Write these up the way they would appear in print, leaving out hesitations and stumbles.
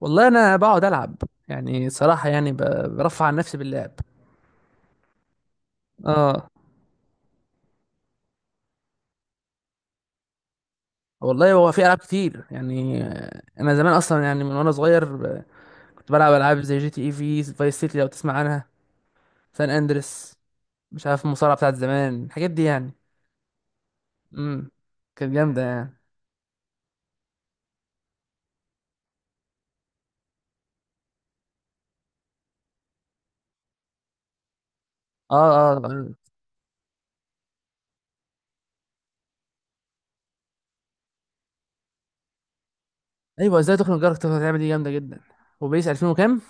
والله انا بقعد العب. يعني صراحه، يعني برفع عن نفسي باللعب. اه والله، هو في العاب كتير يعني، انا زمان اصلا يعني، من وانا صغير كنت بلعب العاب زي جي تي اي في فايس سيتي، لو تسمع عنها، سان اندريس. مش عارف المصارعه بتاعت زمان، الحاجات دي يعني. امم كانت جامده يعني. اه، اه آه. آه. ايوه، ازاي تخنق جارك تقدر تعمل، دي جامده جدا. وبيس 2000 وكام؟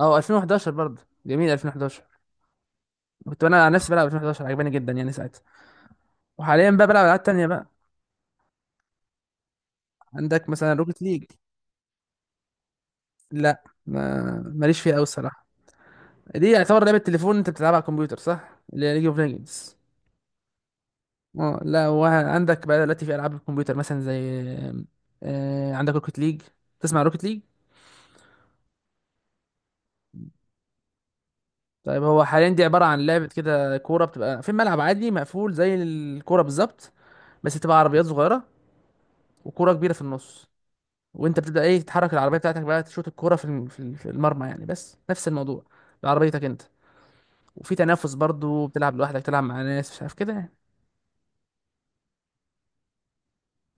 اه 2011 برضه جميل. 2011 كنت انا على نفسي بلعب 2011، عجباني جدا يعني ساعتها. وحاليا بقى بلعب العاب تانية بقى. عندك مثلا روكيت ليج. لا، ما ماليش فيها قوي الصراحه. دي يعتبر لعبه تليفون انت بتلعبها على الكمبيوتر، صح؟ اللي هي ليج اوف ليجندز. اه لا، وعندك بقى دلوقتي في العاب الكمبيوتر مثلا زي، عندك روكيت ليج. تسمع روكيت ليج؟ طيب، هو حاليا دي عباره عن لعبه كده، كوره بتبقى في ملعب عادي مقفول زي الكوره بالظبط، بس بتبقى عربيات صغيره وكوره كبيره في النص. وانت بتبدا ايه، تتحرك العربيه بتاعتك بقى تشوط الكوره في المرمى، يعني بس نفس الموضوع بعربيتك انت. وفي تنافس برضو، بتلعب لوحدك، تلعب مع ناس مش عارف كده يعني.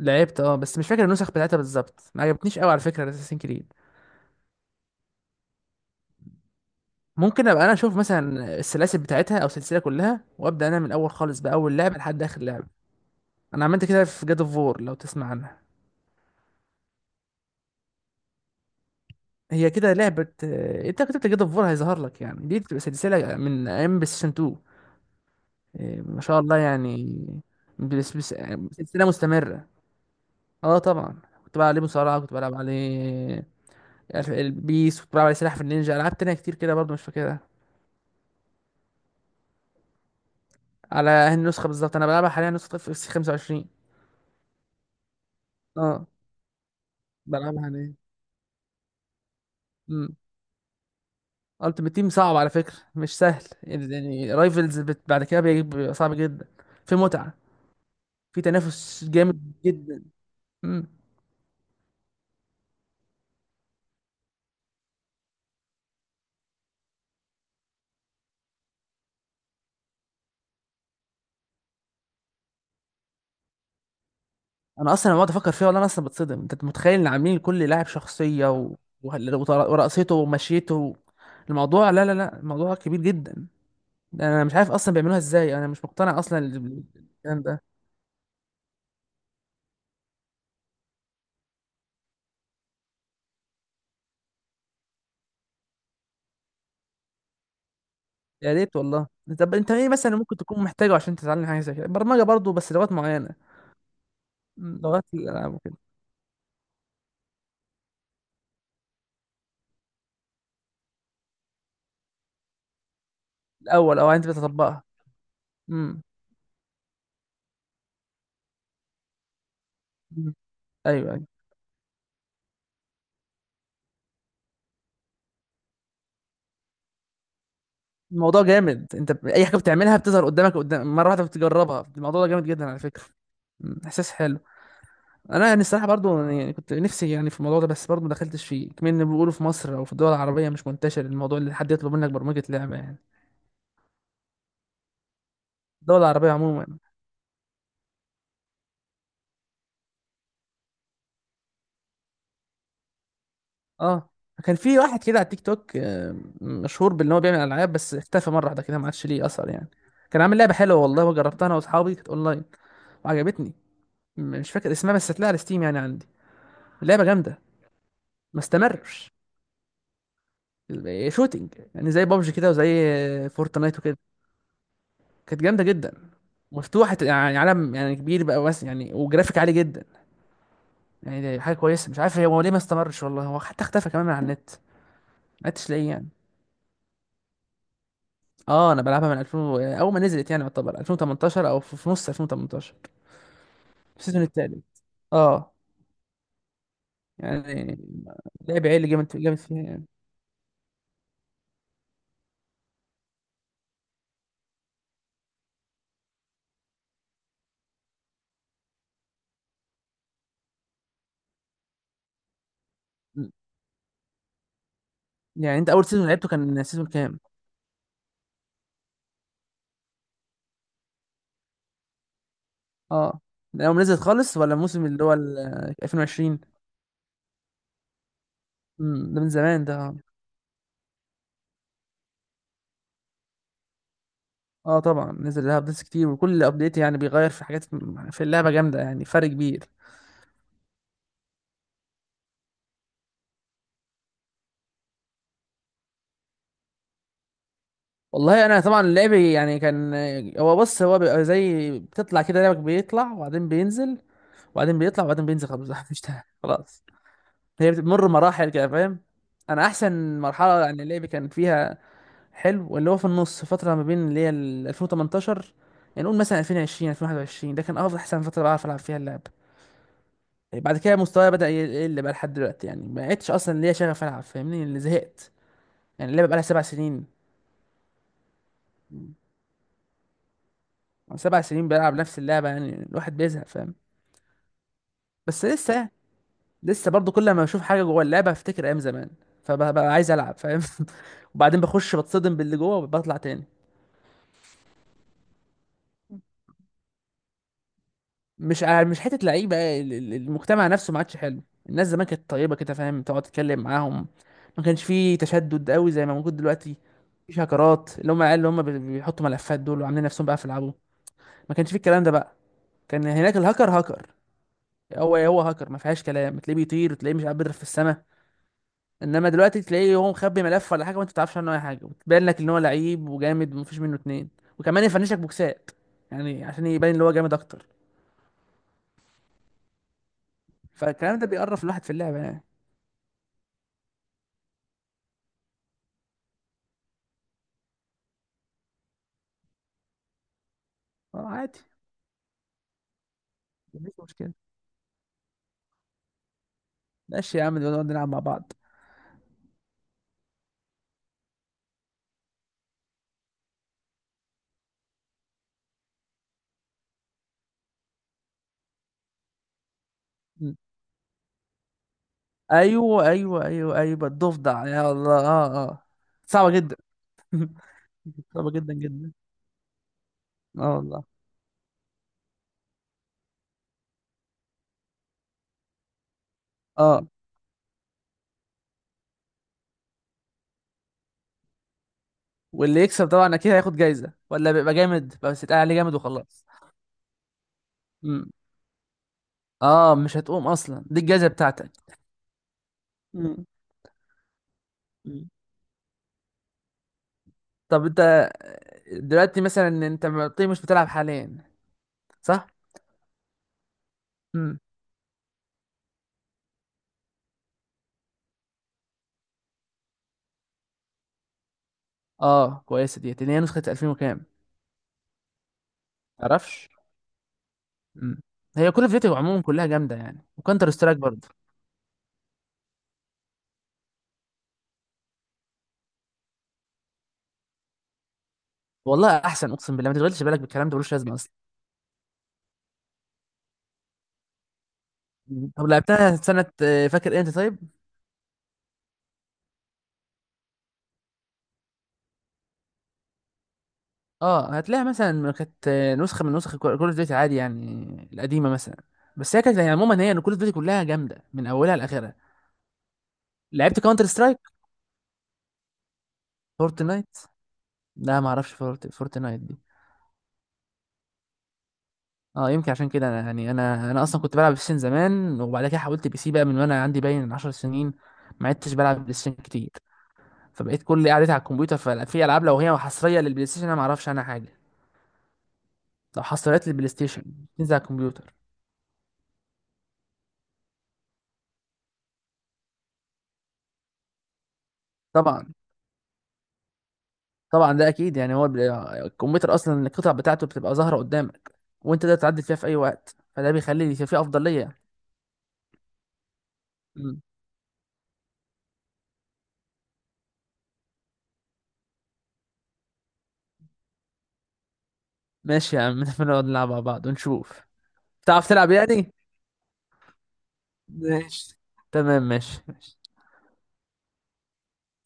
لعبت اه، بس مش فاكر النسخ بتاعتها بالظبط، ما عجبتنيش قوي على فكره اساسين كريد. ممكن ابقى انا اشوف مثلا السلاسل بتاعتها، او السلسله كلها، وابدا انا من الاول خالص، باول لعبه لحد اخر لعبه. انا عملت كده في جاد اوف وور، لو تسمع عنها. هي كده لعبه، انت كتبت جاد اوف وور هيظهر لك يعني. دي بتبقى سلسله من ايام بلايستيشن 2. ما شاء الله يعني. بس سلسله مستمره. اه طبعا، كنت بلعب عليه مصارعه، كنت بلعب عليه البيس، كنت بلعب عليه سلاحف النينجا، العاب تانية كتير كده برضو مش فاكرها. على هذه النسخه بالظبط انا بلعبها حاليا، نسخه اف سي 25. اه بلعبها حاليا. امم التيمت تيم صعب على فكره، مش سهل يعني. رايفلز بعد كده بيبقى صعب جدا. في متعه، في تنافس جامد جدا. امم انا اصلا لما بقعد افكر فيها، والله انا اصلا بتصدم. انت متخيل ان عاملين لكل لاعب شخصيه ورقصته ومشيته؟ الموضوع لا لا لا، الموضوع كبير جدا. انا مش عارف اصلا بيعملوها ازاي. انا مش مقتنع اصلا الكلام ده. يا ريت والله. طب انت ايه مثلا ممكن تكون محتاجه عشان تتعلم حاجه زي كده؟ برمجه برضه، بس لغات معينه. مم. لغات الالعاب وكده. الاول، او انت بتطبقها. امم. أمم. ايوه، ايوه، الموضوع جامد. انت اي حاجه بتعملها بتظهر قدامك، قدام مره واحده بتجربها، الموضوع ده جامد جدا على فكره. مم. احساس حلو. انا يعني الصراحه برضو، يعني كنت نفسي يعني في الموضوع ده، بس برضو ما دخلتش فيه كمان. بيقولوا في مصر او في الدول العربيه مش منتشر الموضوع، اللي حد يطلب منك برمجه لعبه يعني، الدول العربيه عموما. اه كان في واحد كده على التيك توك، مشهور بان هو بيعمل العاب، بس اختفى مره واحده كده، ما عادش ليه اثر يعني. كان عامل لعبه حلوه والله، وجربتها انا واصحابي، كانت اونلاين وعجبتني. مش فاكر اسمها، بس هتلاقيها على ستيم يعني عندي. اللعبه جامده، ما استمرش. شوتينج يعني، زي بابجي كده، وزي فورتنايت وكده، كانت جامده جدا. مفتوحه يعني، عالم يعني كبير بقى، بس يعني وجرافيك عالي جدا. يعني دي حاجه كويسه. مش عارف هو ليه ما استمرش والله. هو حتى اختفى كمان من على النت، ما عدتش لاقيه يعني. اه انا بلعبها من 2000، اول ما نزلت، يعني يعتبر 2018، او في في نص 2018، في السيزون التالت. اه يعني لعب عيل، جامد جامد فيها يعني. يعني انت اول سيزون لعبته كان سيزون كام؟ اه، من اول ما نزلت خالص، ولا الموسم اللي هو ال 2020؟ ده من زمان ده، اه. طبعا نزل لها ابديتس كتير، وكل ابديت يعني بيغير في حاجات في اللعبه، جامده يعني، فرق كبير. والله انا طبعا لعبي يعني كان، هو بص، هو بيبقى زي بتطلع كده، لعبك بيطلع وبعدين بينزل، وبعدين بيطلع وبعدين بينزل، خلاص. مش خلاص. هي بتمر مراحل كده، فاهم؟ انا احسن مرحله يعني اللعب كان فيها حلو، اللي هو في النص، فتره ما بين اللي هي ال 2018، يعني نقول مثلا 2020، 2021، ده كان افضل، احسن فتره بعرف العب فيها اللعب. بعد كده مستواي بدا يقل بقى لحد دلوقتي، يعني ما عدتش اصلا ليا شغف العب، فاهمني؟ اللي زهقت يعني، اللعبه بقى لها سبع سنين. سبع سنين بلعب نفس اللعبة، يعني الواحد بيزهق، فاهم؟ بس لسه يعني، لسه برضه كل ما بشوف حاجة جوه اللعبة بفتكر أيام زمان، فببقى عايز ألعب، فاهم؟ وبعدين بخش بتصدم باللي جوه، وبطلع تاني. مش حتة لعيبة، المجتمع نفسه ما عادش حلو. الناس زمان كانت طيبة كده، فاهم؟ تقعد تتكلم معاهم، ما كانش فيه تشدد قوي زي ما موجود دلوقتي. مفيش هاكرات، اللي هم العيال اللي هم بيحطوا ملفات دول وعاملين نفسهم بقى في يلعبوا. ما كانش فيه الكلام ده بقى. كان هناك الهاكر هاكر، هو هو هاكر ما فيهاش كلام، تلاقيه بيطير، تلاقيه مش عارف بيضرب في السماء. انما دلوقتي تلاقيه هو مخبي ملف ولا حاجه، وانت ما تعرفش عنه اي حاجه، وتبان لك ان هو لعيب وجامد ومفيش منه اتنين، وكمان يفنشك بوكسات يعني عشان يبان ان هو جامد اكتر. فالكلام ده بيقرف الواحد في اللعبه يعني. عادي، مفيش مشكله. ماشي يا عم، نبقى نقعد نلعب مع بعض. م. ايوه ايوه ايوه ايوه، الضفدع، يا الله، اه. اه صعبه جدا. صعبه جدا جدا. اه والله، اه. واللي يكسب طبعا اكيد هياخد جايزه، ولا بيبقى جامد بس، يتقال عليه جامد وخلاص. م. اه مش هتقوم اصلا، دي الجايزه بتاعتك. م. م. طب انت دلوقتي مثلا، انت طيب مش بتلعب حاليا صح؟ امم. اه كويسه ديت، اللي هي نسخه 2000 وكام. تعرفش. امم هي كل فيديو عموما كلها جامده يعني، وكانتر سترايك برضه. والله احسن، اقسم بالله ما تشغلش بالك بالكلام ده، ملوش لازمه اصلا. مم. طب لعبتها سنه، فاكر امتى طيب؟ اه هتلاقيها مثلا كانت نسخه من نسخ كول اوف ديوتي عادي، يعني القديمه مثلا. بس هي كانت، يعني عموما هي ان كول اوف ديوتي كلها جامده من اولها لاخرها. لعبت كاونتر سترايك. فورتنايت، لا ما اعرفش. فورتنايت دي. اه يمكن عشان كده انا، يعني انا اصلا كنت بلعب بلاي ستيشن زمان، وبعد كده حولت بي سي بقى من وانا عندي باين 10 سنين. ما عدتش بلعب بلاي ستيشن كتير، فبقيت كل قعدتي على الكمبيوتر. ففي العاب لو هي حصريه للبلاي ستيشن انا ما اعرفش عنها حاجه. لو حصريات للبلاي ستيشن تنزل على الكمبيوتر، طبعا. طبعا ده اكيد، يعني هو الكمبيوتر اصلا القطع بتاعته بتبقى ظاهره قدامك، وانت تقدر تعدل فيها في اي وقت، فده بيخلي في في افضليه. مم. ماشي يا عم. نبقى نقعد نلعب مع بعض ونشوف. تعرف تلعب يعني. ماشي، تمام، ماشي ماشي.